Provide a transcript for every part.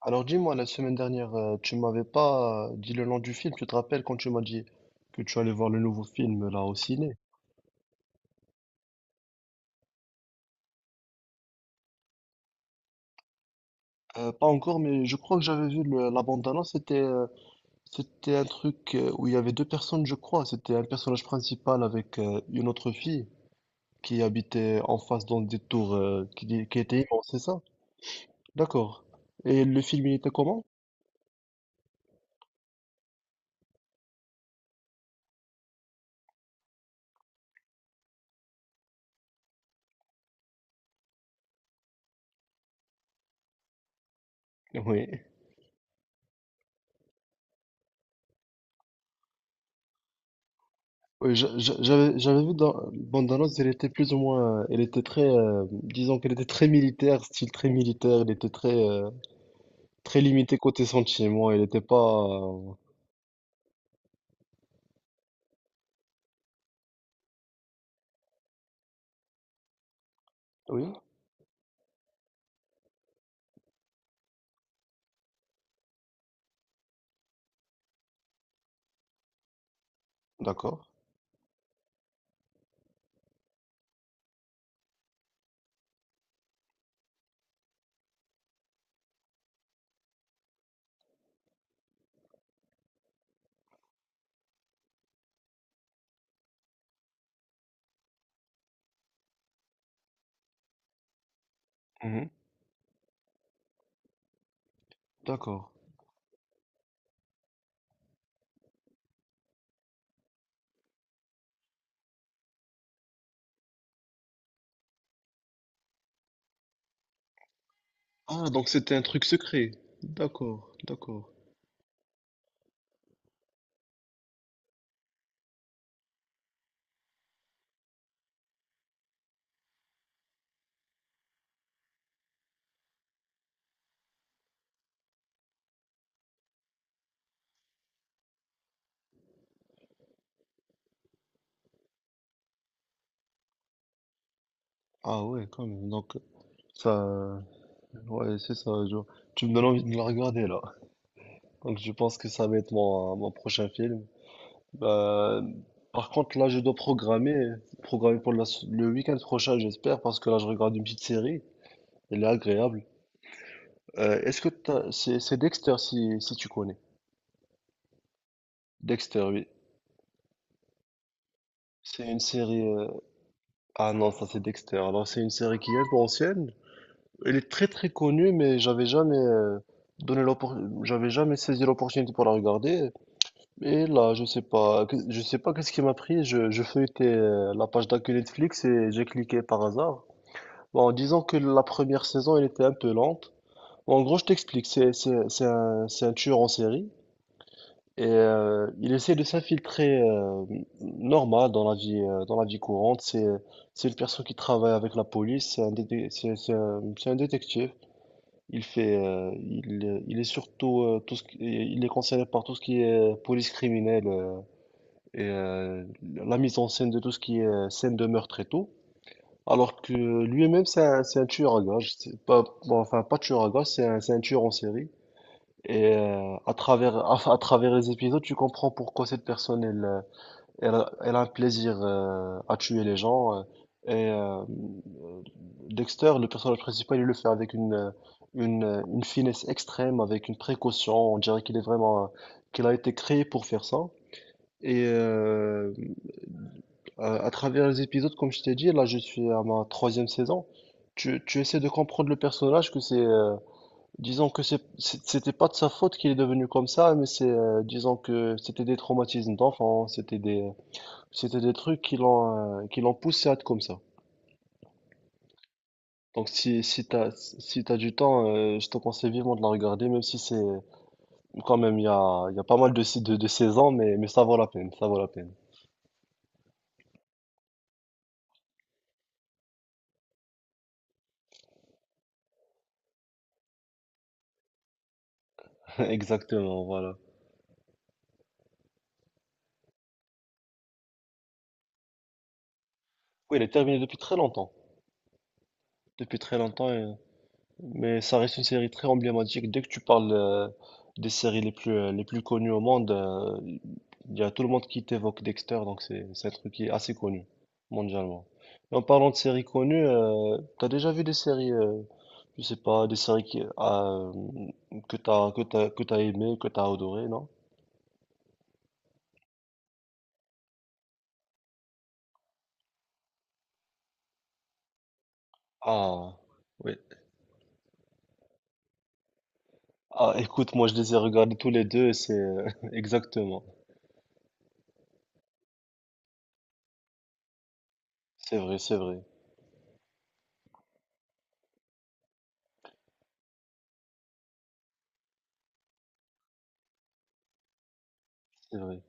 Alors dis-moi, la semaine dernière, tu m'avais pas dit le nom du film, tu te rappelles quand tu m'as dit que tu allais voir le nouveau film là au ciné? Pas encore, mais je crois que j'avais vu la bande-annonce, c'était c'était un truc où il y avait deux personnes, je crois. C'était un personnage principal avec une autre fille qui habitait en face dans des tours qui étaient immenses, c'est ça? D'accord. Et le film, il était comment? Oui. Oui, j'avais vu dans Bandanos, elle était plus ou moins, elle était très, disons qu'elle était très militaire, style très militaire, elle était très, très limitée côté sentiments, elle n'était pas. Oui, d'accord. Mhm. D'accord. Ah, donc c'était un truc secret. D'accord, d'accord. Ah ouais, quand même. Donc ça, ouais, c'est ça. Tu me donnes envie de la regarder là. Donc je pense que ça va être mon, mon prochain film. Bah, par contre, là, programmer pour le week-end prochain, j'espère, parce que là, je regarde une petite série. Elle est agréable. C'est Dexter, si, si tu connais. Dexter, oui. C'est une série. Ah non, ça, c'est Dexter. Alors, c'est une série qui est un peu ancienne. Elle est très, très connue, mais j'avais jamais donné l'oppor- j'avais jamais saisi l'opportunité pour la regarder. Et là, je sais pas, je sais pas qu'est-ce qui m'a pris. Je feuilletais la page d'accueil Netflix et j'ai cliqué par hasard. Bon, disons que la première saison, elle était un peu lente. Bon, en gros, je t'explique, c'est un tueur en série et il essaie de s'infiltrer normal dans la vie courante. C'est une personne qui travaille avec la police, c'est un détective. Il fait il est surtout il est concerné par tout ce qui est police criminelle et la mise en scène de tout ce qui est scène de meurtre et tout. Alors que lui-même, c'est un tueur à gages. C'est pas, bon, enfin, pas tueur à gages, c'est un tueur en série. Et à travers, à travers les épisodes, tu comprends pourquoi cette personne, elle elle a un plaisir à tuer les gens. Et euh, Dexter, le personnage principal, il le fait avec une finesse extrême, avec une précaution. On dirait qu'il est vraiment, qu'il a été créé pour faire ça. Et euh, à travers les épisodes, comme je t'ai dit, là je suis à ma troisième saison. Tu essaies de comprendre le personnage que c'est, disons que c'était pas de sa faute qu'il est devenu comme ça, mais c'est, disons que c'était des traumatismes d'enfant, c'était des trucs qui l'ont poussé à être comme ça. Donc si, si t'as du temps, je te conseille vivement de la regarder, même si c'est, quand même, il y a pas mal de, de saisons, mais ça vaut la peine, ça vaut la peine. Exactement, voilà. Oui, elle est terminée depuis très longtemps, depuis très longtemps. Mais ça reste une série très emblématique. Dès que tu parles des séries les plus connues au monde, il y a tout le monde qui t'évoque Dexter, donc c'est un truc qui est assez connu mondialement. Et en parlant de séries connues, t'as déjà vu des séries, je sais pas, des séries qui, ah, que t'as que t'as que t'as aimé, que t'as adoré, non? Ah, oui. Ah, écoute, moi je les ai regardés tous les deux, et c'est exactement. C'est vrai, c'est vrai, c'est vrai.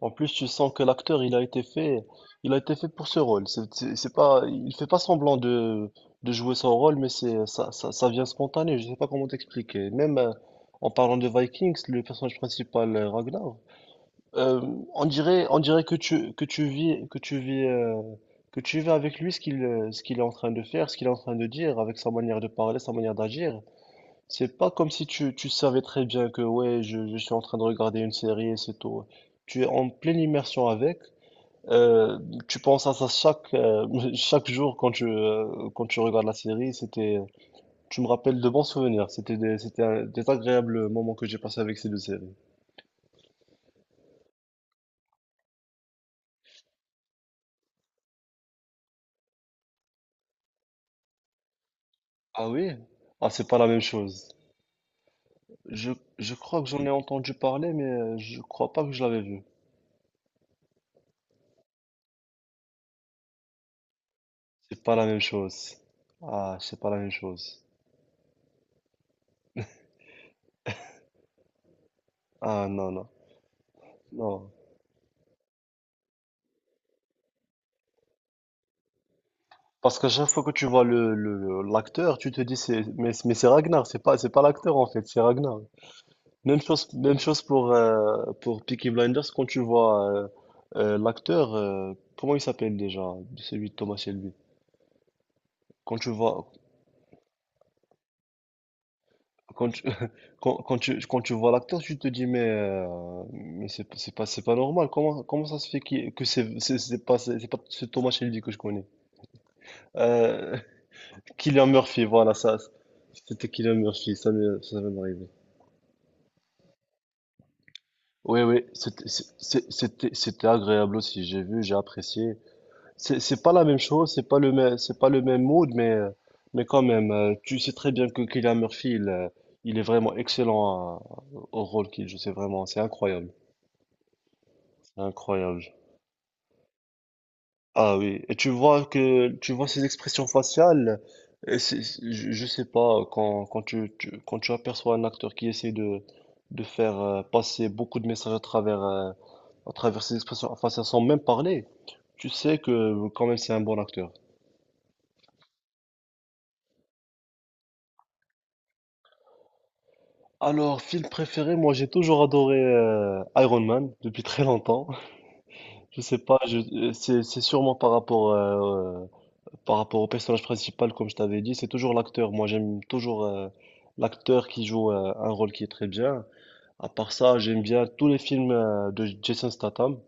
En plus, tu sens que l'acteur, il a été fait, il a été fait pour ce rôle. C'est pas, il fait pas semblant de jouer son rôle, mais c'est, ça vient spontané. Je sais pas comment t'expliquer. Même en parlant de Vikings, le personnage principal, Ragnar, euh, on dirait que tu vis, que tu vis avec lui ce qu'il est en train de faire, ce qu'il est en train de dire, avec sa manière de parler, sa manière d'agir. C'est pas comme si tu, tu savais très bien que ouais, je suis en train de regarder une série et c'est tout. Tu es en pleine immersion avec. euh, Tu penses à ça chaque, chaque jour quand tu regardes la série. C'était, tu me rappelles de bons souvenirs. C'était des, c'était un- Des agréables moments que j'ai passés avec ces deux séries. Ah oui? Ah, c'est pas la même chose. Je, je crois que j'en ai entendu parler, mais je crois pas que je l'avais vu. C'est pas la même chose. Ah, c'est pas la même chose. Ah non, non. Non. Parce qu'à chaque fois que tu vois l'acteur, tu te dis c'est mais c'est Ragnar, c'est pas l'acteur en fait, c'est Ragnar. Même chose pour Peaky Blinders quand tu vois l'acteur comment il s'appelle déjà celui de Thomas Shelby. Quand tu vois quand tu quand tu vois l'acteur, tu te dis mais c'est pas normal. Comment ça se fait qu'il- que c'est pas ce Thomas Shelby que je connais. Euh, Cillian Murphy, voilà ça. C'était Cillian Murphy, ça m'est arrivé. Oui, oui, c'était c'est- c'était- c'était agréable aussi. J'ai vu, j'ai apprécié. C'est pas la même chose, c'est pas le même, c'est pas le même mood, mais quand même, tu sais très bien que Cillian Murphy, il est vraiment excellent au rôle qu'il joue. C'est vraiment, c'est incroyable, incroyable. Ah oui, et tu vois ses expressions faciales. Et je sais pas quand tu aperçois un acteur qui essaie de faire passer beaucoup de messages à travers ses expressions faciales sans même parler. Tu sais que quand même c'est un bon acteur. Alors, film préféré, moi j'ai toujours adoré Iron Man depuis très longtemps. Je sais pas, c'est sûrement par rapport au personnage principal comme je t'avais dit, c'est toujours l'acteur. Moi j'aime toujours l'acteur qui joue un rôle qui est très bien. À part ça, j'aime bien tous les films de Jason Statham.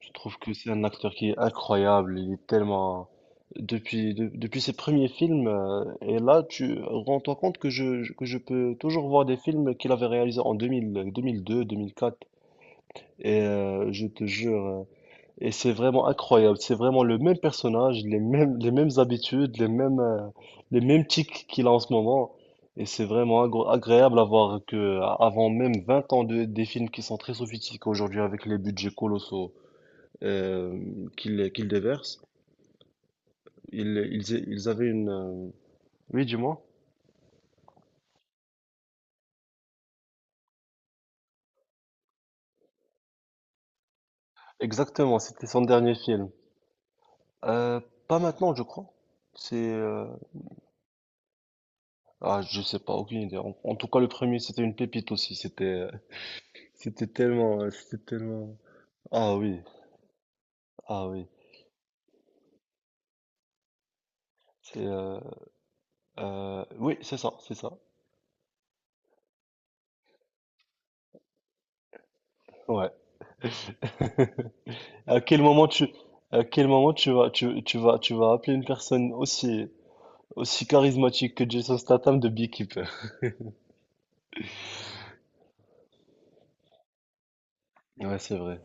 Je trouve que c'est un acteur qui est incroyable. Il est tellement. Depuis, depuis ses premiers films, et là, tu rends-toi compte que que je peux toujours voir des films qu'il avait réalisés en 2000, 2002, 2004. Et je te jure, et c'est vraiment incroyable. C'est vraiment le même personnage, les mêmes habitudes, les mêmes tics qu'il a en ce moment. Et c'est vraiment agréable à voir que, avant même 20 ans de, des films qui sont très sophistiqués aujourd'hui avec les budgets colossaux qu'il déverse. Ils avaient une... Oui, du moins. Exactement, c'était son dernier film. Euh, pas maintenant, je crois. C'est... euh, Ah, je sais pas, aucune idée. En, en tout cas, le premier, c'était une pépite aussi. C'était tellement... Ah oui, ah oui. C'est... euh, Oui, c'est ça, c'est ça. Ouais. À quel moment tu, à quel moment tu vas appeler une personne aussi, aussi charismatique que Jason Statham de Beekeeper? Ouais, c'est vrai.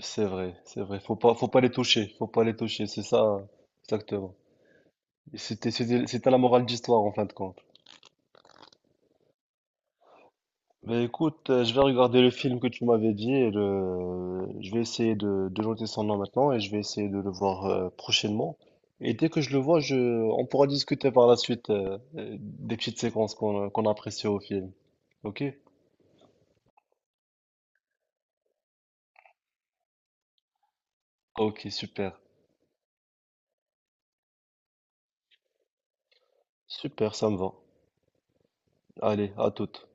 C'est vrai, c'est vrai. Faut pas les toucher. Faut pas les toucher. C'est ça, exactement. Et c'était, c'était, c'était la morale d'histoire en fin de compte. Mais écoute, je vais regarder le film que tu m'avais dit et le... je vais essayer de noter son nom maintenant et je vais essayer de le voir prochainement. Et dès que je le vois, je... on pourra discuter par la suite des petites séquences qu'on a appréciées au film. Ok? Ok, super. Super, ça me va. Allez, à toute.